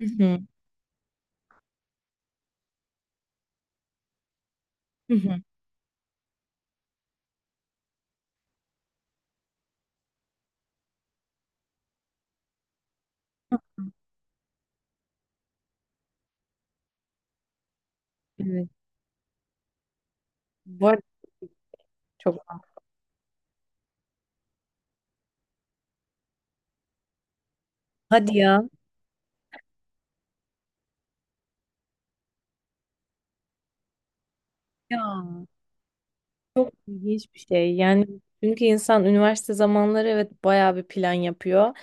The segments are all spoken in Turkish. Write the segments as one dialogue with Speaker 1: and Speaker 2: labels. Speaker 1: Hı hı. Hı hı. Evet. Bu arada çok hadi ya. Ya çok ilginç bir şey. Yani çünkü insan üniversite zamanları evet bayağı bir plan yapıyor.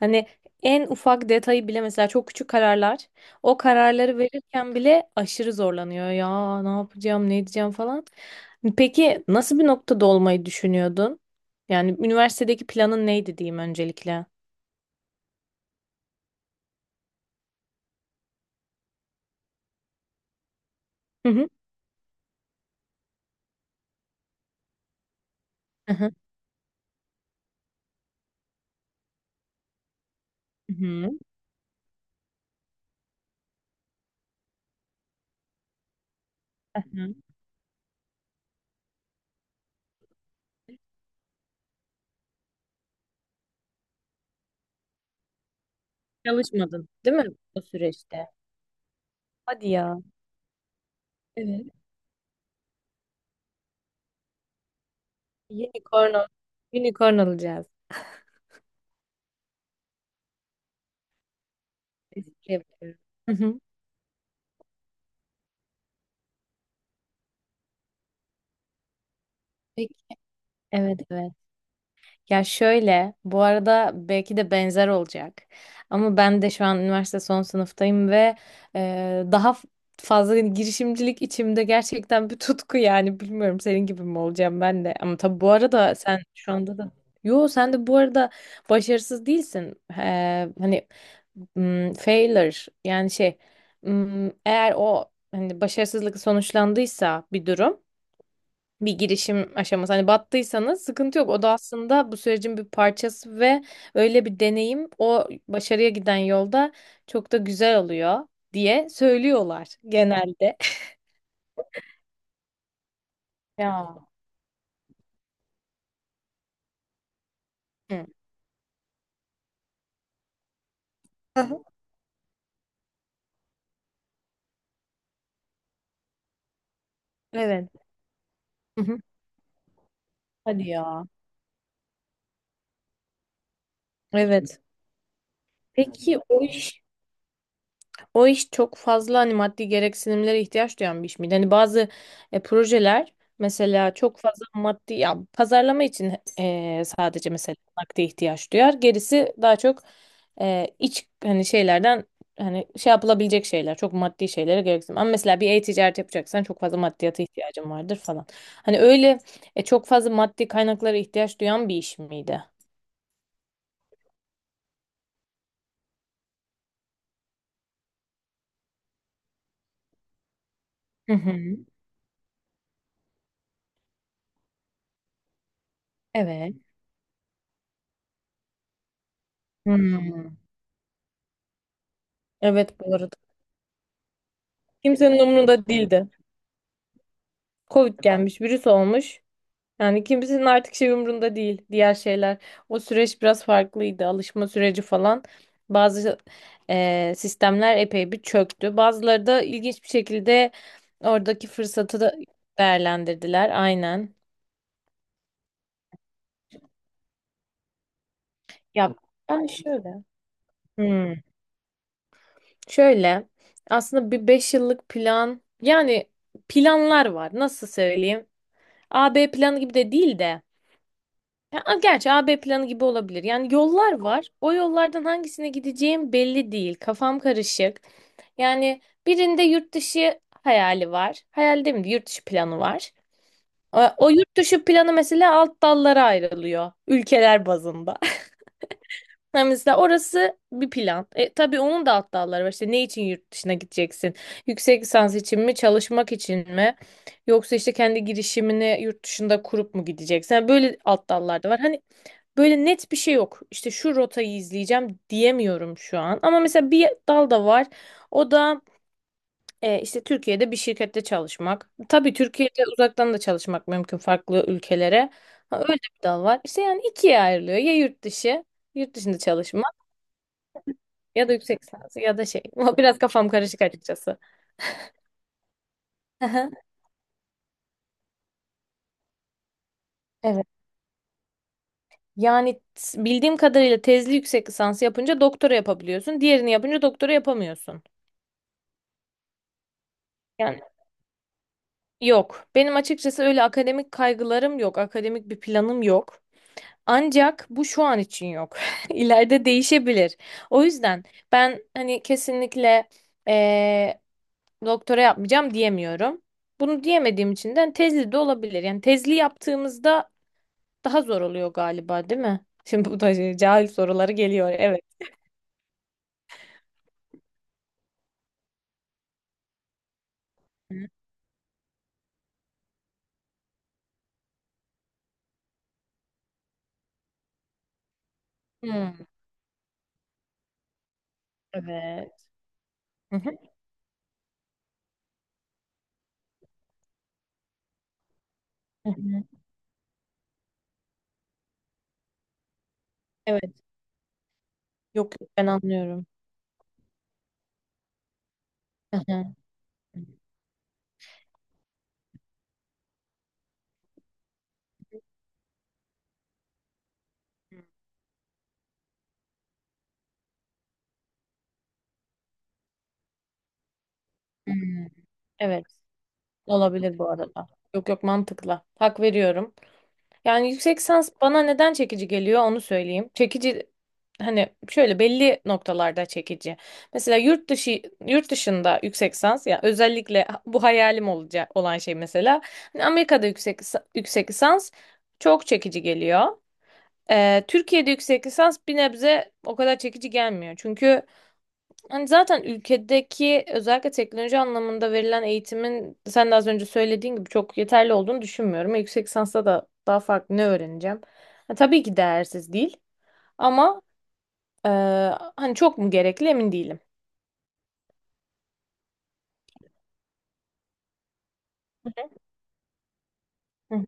Speaker 1: Hani en ufak detayı bile mesela çok küçük kararlar. O kararları verirken bile aşırı zorlanıyor. Ya ne yapacağım, ne edeceğim falan. Peki nasıl bir noktada olmayı düşünüyordun? Yani üniversitedeki planın neydi diyeyim öncelikle? Hı hı. Hı hı. Hı hı. Hı hı. Çalışmadın, değil mi o süreçte? Hadi ya. Evet. Unicorn, unicorn olacağız. Espri yapıyorum. Hı hı. Peki. Evet, evet. Ya şöyle, bu arada belki de benzer olacak. Ama ben de şu an üniversite son sınıftayım ve daha fazla hani girişimcilik içimde gerçekten bir tutku yani. Bilmiyorum senin gibi mi olacağım ben de. Ama tabii bu arada sen şu anda da... Yo sen de bu arada başarısız değilsin. Hani failure, yani şey, eğer o hani başarısızlık sonuçlandıysa bir durum, bir girişim aşaması. Hani battıysanız sıkıntı yok. O da aslında bu sürecin bir parçası ve öyle bir deneyim o başarıya giden yolda çok da güzel oluyor diye söylüyorlar genelde. Ya. Hı. Aha. Evet. Hı hı. Hadi ya. Evet. Peki o iş O iş çok fazla hani maddi gereksinimlere ihtiyaç duyan bir iş miydi? Hani bazı projeler mesela çok fazla maddi ya pazarlama için, sadece mesela nakde ihtiyaç duyar. Gerisi daha çok iç, hani şeylerden, hani şey yapılabilecek şeyler, çok maddi şeylere gereksinim. Ama mesela bir e-ticaret yapacaksan çok fazla maddiyata ihtiyacın vardır falan. Hani öyle, çok fazla maddi kaynaklara ihtiyaç duyan bir iş miydi? Hı hı. Evet. Hmm. Evet, bu arada. Kimsenin umurunda değildi. Covid gelmiş, virüs olmuş. Yani kimsenin artık şey umrunda değil, diğer şeyler. O süreç biraz farklıydı. Alışma süreci falan. Bazı sistemler epey bir çöktü. Bazıları da ilginç bir şekilde oradaki fırsatı da değerlendirdiler. Aynen. Ya ben şöyle. Hmm, şöyle. Aslında bir 5 yıllık plan, yani planlar var. Nasıl söyleyeyim? A-B planı gibi de değil de. Ya, gerçi AB planı gibi olabilir. Yani yollar var. O yollardan hangisine gideceğim belli değil. Kafam karışık. Yani birinde yurt dışı hayali var. Hayal değil mi? Yurt dışı planı var. O yurt dışı planı mesela alt dallara ayrılıyor. Ülkeler bazında. Yani mesela orası bir plan. Tabii onun da alt dalları var. İşte ne için yurt dışına gideceksin? Yüksek lisans için mi? Çalışmak için mi? Yoksa işte kendi girişimini yurt dışında kurup mu gideceksin? Yani böyle alt dallar da var. Hani böyle net bir şey yok. İşte şu rotayı izleyeceğim diyemiyorum şu an. Ama mesela bir dal da var. O da işte Türkiye'de bir şirkette çalışmak. Tabii Türkiye'de uzaktan da çalışmak mümkün farklı ülkelere. Ha, öyle bir dal var. İşte yani ikiye ayrılıyor. Ya yurt dışı, yurt dışında çalışmak ya da yüksek lisans ya da şey. Biraz kafam karışık açıkçası. Aha, evet. Yani bildiğim kadarıyla tezli yüksek lisansı yapınca doktora yapabiliyorsun. Diğerini yapınca doktora yapamıyorsun. Yani yok. Benim açıkçası öyle akademik kaygılarım yok. Akademik bir planım yok. Ancak bu şu an için yok. İleride değişebilir. O yüzden ben hani kesinlikle eee, doktora yapmayacağım diyemiyorum. Bunu diyemediğim için de hani, tezli de olabilir. Yani tezli yaptığımızda daha zor oluyor galiba, değil mi? Şimdi bu da şey, cahil soruları geliyor. Evet. Hmm, evet. Hı hı, hı hı. Evet. Yok, yok, ben anlıyorum. Hı hı. Hı. Evet. Olabilir bu arada. Yok, yok, mantıklı. Hak veriyorum. Yani yüksek lisans bana neden çekici geliyor onu söyleyeyim. Çekici, hani şöyle belli noktalarda çekici. Mesela yurt dışında yüksek lisans, ya özellikle bu hayalim olacak olan şey, mesela hani Amerika'da yüksek lisans çok çekici geliyor. Türkiye'de yüksek lisans bir nebze o kadar çekici gelmiyor. Çünkü yani zaten ülkedeki özellikle teknoloji anlamında verilen eğitimin, sen de az önce söylediğin gibi, çok yeterli olduğunu düşünmüyorum. Yüksek lisansta da daha farklı ne öğreneceğim? Ha, tabii ki değersiz değil ama e, hani çok mu gerekli emin değilim. Hı hı.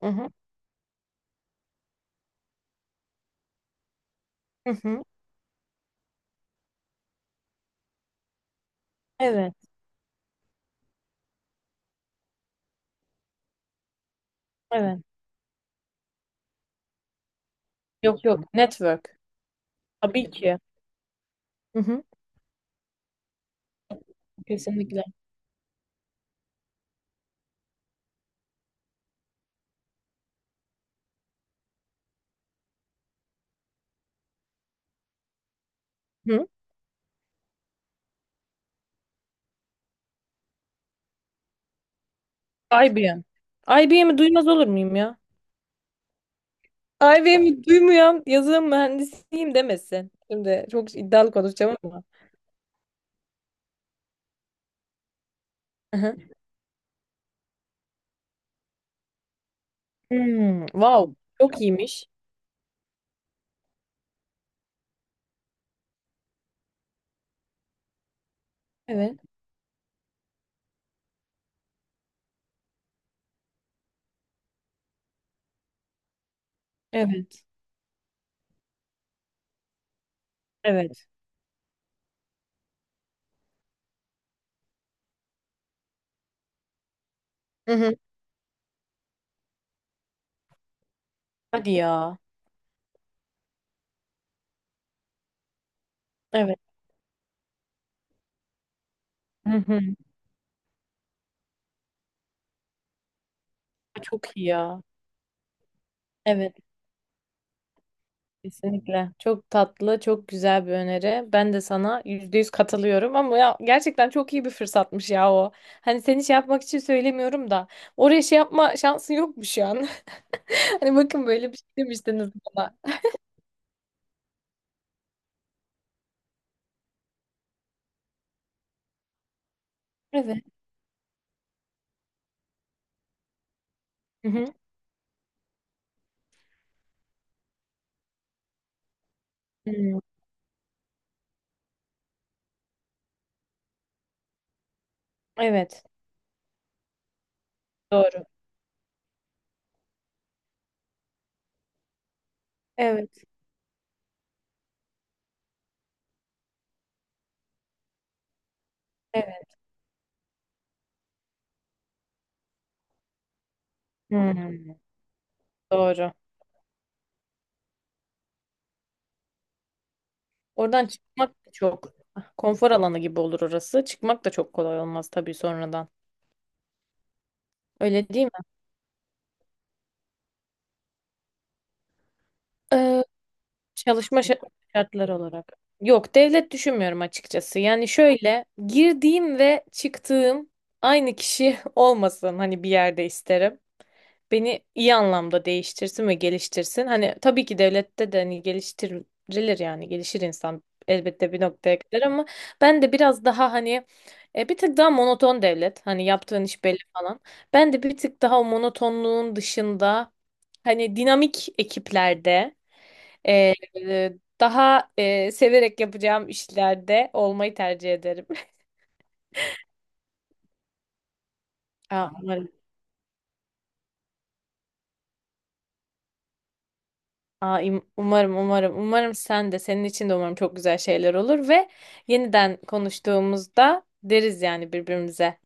Speaker 1: Hı hı, hı hı. Evet, evet. Yok, yok. Network. Tabii ki. Hı hı. Kesinlikle. Hı. IBM. IBM'i duymaz olur muyum ya? IBM'i duymayan yazılım mühendisiyim demesin. Şimdi çok iddialı konuşacağım ama. Hmm, wow, çok iyiymiş. Evet, evet, evet. Hı hı. Hadi ya. Evet. Hı hı. Çok iyi ya. Evet, kesinlikle. Çok tatlı, çok güzel bir öneri. Ben de sana %100 katılıyorum ama ya gerçekten çok iyi bir fırsatmış ya o. Hani seni şey yapmak için söylemiyorum da oraya şey yapma şansın yokmuş yani. Hani bakın böyle bir şey demiştiniz bana. Evet. Hı hı. Hmm, evet. Doğru. Evet. Evet. Hmm, doğru. Oradan çıkmak da çok konfor alanı gibi olur orası. Çıkmak da çok kolay olmaz tabii sonradan. Öyle değil mi? Ee, çalışma şartları olarak. Yok, devlet düşünmüyorum açıkçası. Yani şöyle, girdiğim ve çıktığım aynı kişi olmasın hani bir yerde, isterim. Beni iyi anlamda değiştirsin ve geliştirsin. Hani tabii ki devlette de hani geliştirilir, yani gelişir insan elbette bir noktaya kadar, ama ben de biraz daha hani bir tık daha monoton devlet. Hani yaptığın iş belli falan. Ben de bir tık daha o monotonluğun dışında, hani dinamik ekiplerde, e, e, daha severek yapacağım işlerde olmayı tercih ederim. Aa, aa, umarım, umarım, umarım sen de, senin için de umarım çok güzel şeyler olur ve yeniden konuştuğumuzda deriz yani birbirimize.